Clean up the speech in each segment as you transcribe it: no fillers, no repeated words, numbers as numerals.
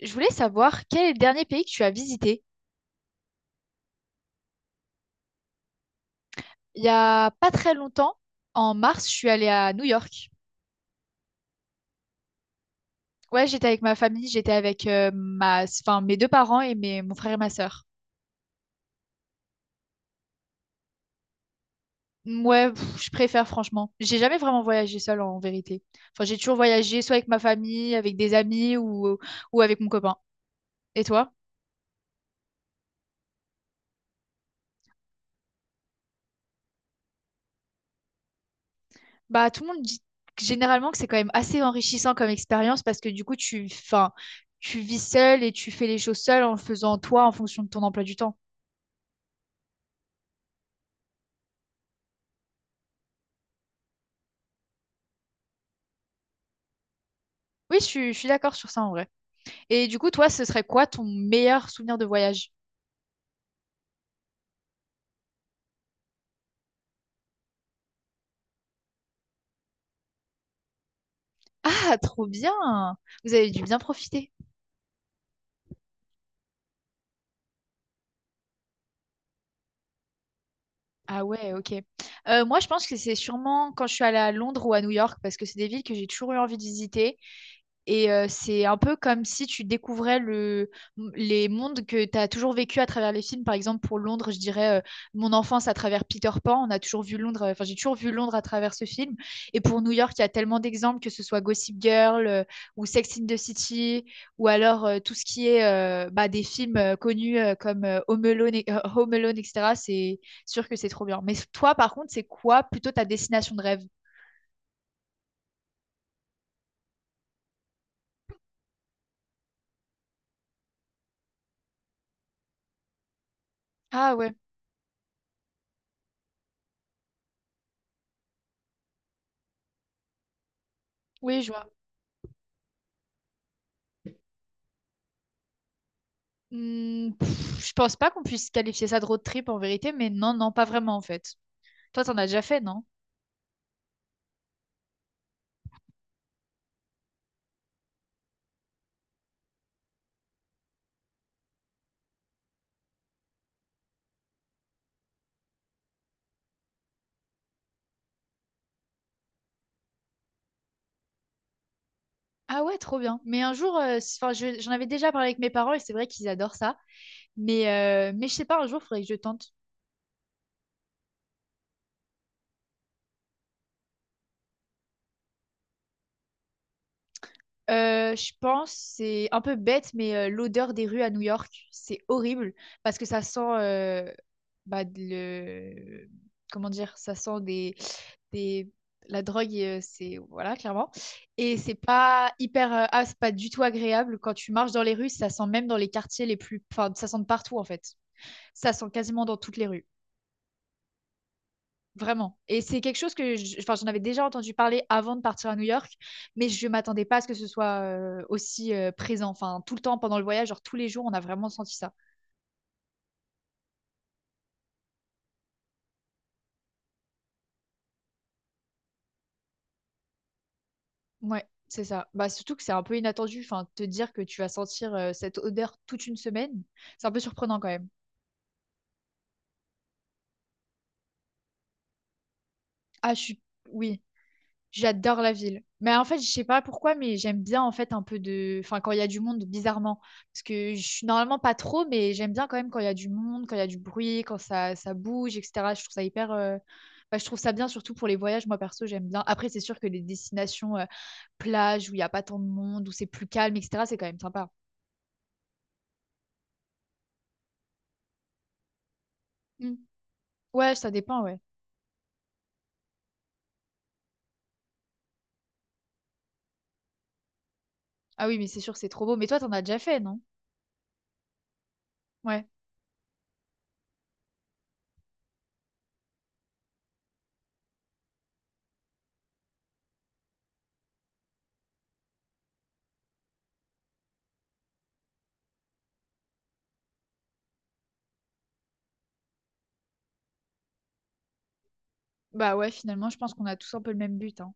Je voulais savoir quel est le dernier pays que tu as visité? Il y a pas très longtemps, en mars, je suis allée à New York. Ouais, j'étais avec ma famille, j'étais avec ma, enfin, mes deux parents et mes, mon frère et ma sœur. Ouais, pff, je préfère franchement. J'ai jamais vraiment voyagé seule en vérité. Enfin, j'ai toujours voyagé soit avec ma famille, avec des amis ou avec mon copain. Et toi? Bah, tout le monde dit généralement que c'est quand même assez enrichissant comme expérience parce que du coup, tu, enfin, tu vis seule et tu fais les choses seule en faisant toi en fonction de ton emploi du temps. Oui, je suis d'accord sur ça en vrai. Et du coup, toi, ce serait quoi ton meilleur souvenir de voyage? Ah, trop bien! Vous avez dû bien profiter. Ah ouais, ok. Moi, je pense que c'est sûrement quand je suis allée à Londres ou à New York, parce que c'est des villes que j'ai toujours eu envie de visiter. Et c'est un peu comme si tu découvrais les mondes que tu as toujours vécu à travers les films. Par exemple, pour Londres, je dirais mon enfance à travers Peter Pan. On a toujours vu Londres, enfin, j'ai toujours vu Londres à travers ce film. Et pour New York, il y a tellement d'exemples, que ce soit Gossip Girl ou Sex in the City, ou alors tout ce qui est bah, des films connus comme Home Alone, Home Alone, etc. C'est sûr que c'est trop bien. Mais toi, par contre, c'est quoi plutôt ta destination de rêve? Ah ouais, oui, je vois. Hmm, pff, je pense pas qu'on puisse qualifier ça de road trip en vérité, mais non, non, pas vraiment en fait. Toi, t'en as déjà fait, non? Ah ouais, trop bien. Mais un jour, enfin, j'en avais déjà parlé avec mes parents et c'est vrai qu'ils adorent ça. Mais, mais je sais pas, un jour, il faudrait que je tente. Je pense, c'est un peu bête, mais l'odeur des rues à New York, c'est horrible parce que ça sent, bah, de le... comment dire, ça sent des... la drogue, c'est voilà, clairement. Et c'est pas hyper, c'est pas du tout agréable quand tu marches dans les rues, ça sent même dans les quartiers les plus, enfin, ça sent de partout en fait. Ça sent quasiment dans toutes les rues. Vraiment. Et c'est quelque chose que enfin, j'en avais déjà entendu parler avant de partir à New York, mais je m'attendais pas à ce que ce soit aussi présent. Enfin, tout le temps pendant le voyage, genre tous les jours, on a vraiment senti ça. Ouais, c'est ça. Bah, surtout que c'est un peu inattendu. Enfin, te dire que tu vas sentir cette odeur toute une semaine, c'est un peu surprenant quand même. Ah, je suis. Oui. J'adore la ville. Mais en fait, je sais pas pourquoi, mais j'aime bien en fait un peu de... Enfin, quand il y a du monde, bizarrement. Parce que je suis normalement pas trop, mais j'aime bien quand même quand il y a du monde, quand il y a du bruit, quand ça bouge, etc. Je trouve ça hyper... enfin, je trouve ça bien, surtout pour les voyages. Moi, perso, j'aime bien. Après, c'est sûr que les destinations plages où il y a pas tant de monde, où c'est plus calme, etc., c'est quand même sympa. Mm. Ouais, ça dépend, ouais. Ah oui, mais c'est sûr que c'est trop beau. Mais toi, t'en as déjà fait, non? Ouais. Bah ouais, finalement, je pense qu'on a tous un peu le même but, hein.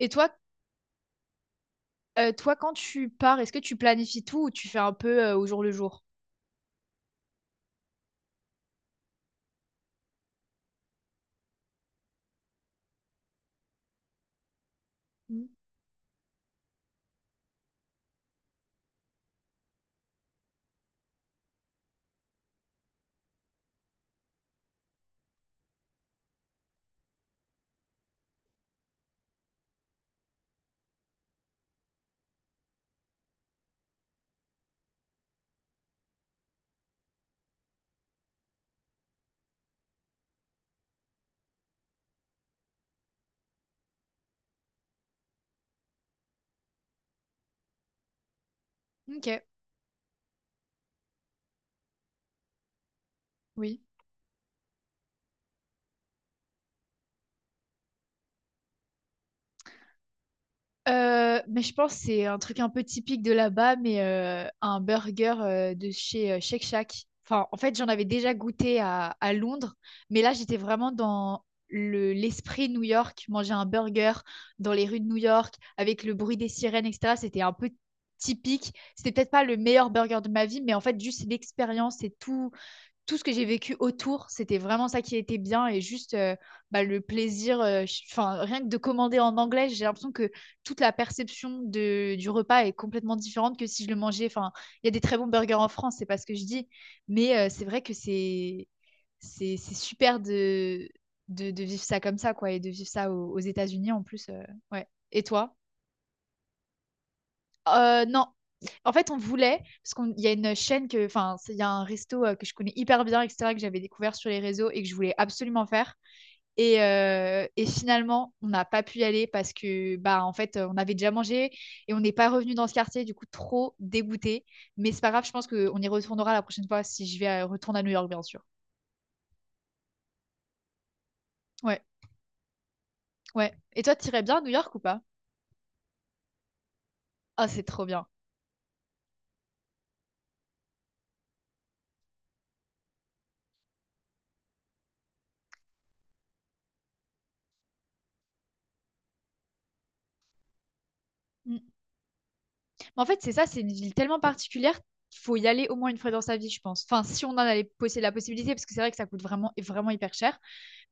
Et toi, toi, quand tu pars, est-ce que tu planifies tout ou tu fais un peu au jour le jour? Mm. Ok, oui. Mais je pense que c'est un truc un peu typique de là-bas, mais un burger de chez Shake Shack. Enfin, en fait, j'en avais déjà goûté à Londres, mais là, j'étais vraiment dans l'esprit New York, manger un burger dans les rues de New York, avec le bruit des sirènes, etc. C'était un peu typique. C'était peut-être pas le meilleur burger de ma vie, mais en fait, juste l'expérience et tout ce que j'ai vécu autour, c'était vraiment ça qui était bien et juste bah, le plaisir. Enfin, rien que de commander en anglais, j'ai l'impression que toute la perception du repas est complètement différente que si je le mangeais. Enfin, il y a des très bons burgers en France, c'est pas ce que je dis, mais c'est vrai que c'est super de vivre ça comme ça quoi et de vivre ça aux États-Unis en plus. Ouais. Et toi? Non. En fait, on voulait, parce qu'il y a une chaîne que, enfin, il y a un resto que je connais hyper bien, etc., que j'avais découvert sur les réseaux et que je voulais absolument faire. Et finalement, on n'a pas pu y aller parce que, bah, en fait, on avait déjà mangé et on n'est pas revenu dans ce quartier, du coup, trop dégoûté. Mais c'est pas grave, je pense qu'on y retournera la prochaine fois si je vais retourner à New York, bien sûr. Ouais, ouais. Et toi, t'irais bien à New York ou pas? Ah, c'est trop bien. Mm. En fait, c'est ça, c'est une ville tellement particulière qu'il faut y aller au moins une fois dans sa vie, je pense. Enfin, si on en avait la possibilité, parce que c'est vrai que ça coûte vraiment, vraiment hyper cher,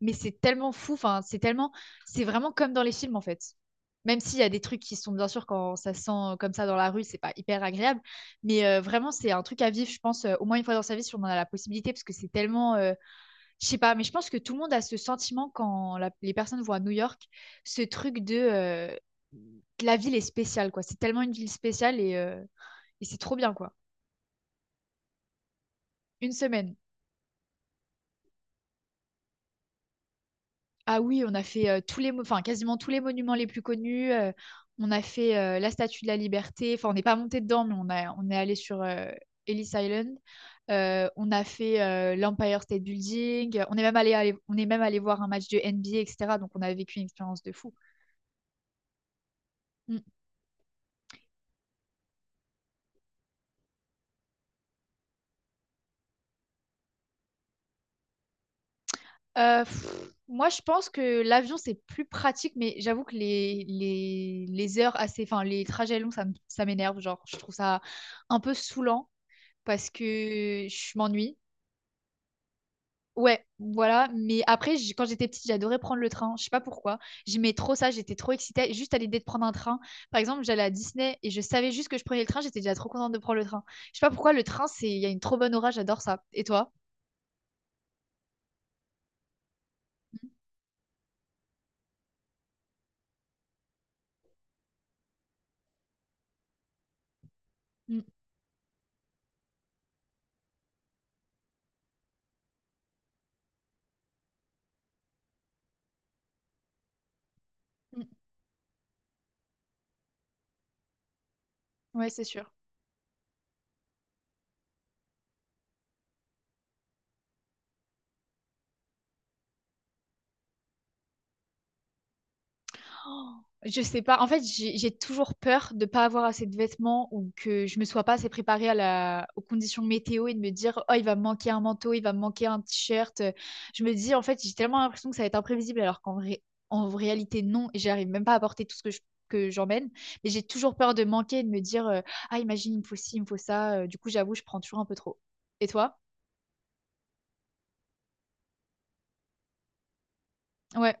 mais c'est tellement fou, enfin, c'est tellement, c'est vraiment comme dans les films, en fait. Même s'il y a des trucs qui sont, bien sûr, quand ça se sent comme ça dans la rue, c'est pas hyper agréable, mais vraiment, c'est un truc à vivre, je pense, au moins une fois dans sa vie, si on en a la possibilité, parce que c'est tellement, je sais pas, mais je pense que tout le monde a ce sentiment quand les personnes vont à New York, ce truc de la ville est spéciale, quoi. C'est tellement une ville spéciale et c'est trop bien, quoi. Une semaine. Ah oui, on a fait tous les, enfin quasiment tous les monuments les plus connus. On a fait la Statue de la Liberté. Enfin, on n'est pas monté dedans, mais on est allé sur Ellis Island. On a fait l'Empire State Building. On est même on est même allé voir un match de NBA, etc. Donc, on a vécu une expérience de fou. Mm. Euh, pff, moi, je pense que l'avion, c'est plus pratique, mais j'avoue que les heures assez, enfin, les trajets longs, ça m'énerve. Genre, je trouve ça un peu saoulant parce que je m'ennuie. Ouais, voilà. Mais après, quand j'étais petite, j'adorais prendre le train. Je sais pas pourquoi. J'aimais trop ça. J'étais trop excitée. Juste à l'idée de prendre un train. Par exemple, j'allais à Disney et je savais juste que je prenais le train. J'étais déjà trop contente de prendre le train. Je sais pas pourquoi le train, il y a une trop bonne aura. J'adore ça. Et toi? Mm, mm. Ouais, c'est sûr. Oh, je sais pas. En fait, j'ai toujours peur de pas avoir assez de vêtements ou que je me sois pas assez préparée à la... aux conditions météo et de me dire, oh, il va me manquer un manteau, il va me manquer un t-shirt. Je me dis, en fait, j'ai tellement l'impression que ça va être imprévisible alors en réalité, non. Et j'arrive même pas à porter tout ce que que j'emmène. Mais j'ai toujours peur de manquer et de me dire, ah, imagine, il me faut ci, il me faut ça. Du coup, j'avoue, je prends toujours un peu trop. Et toi? Ouais.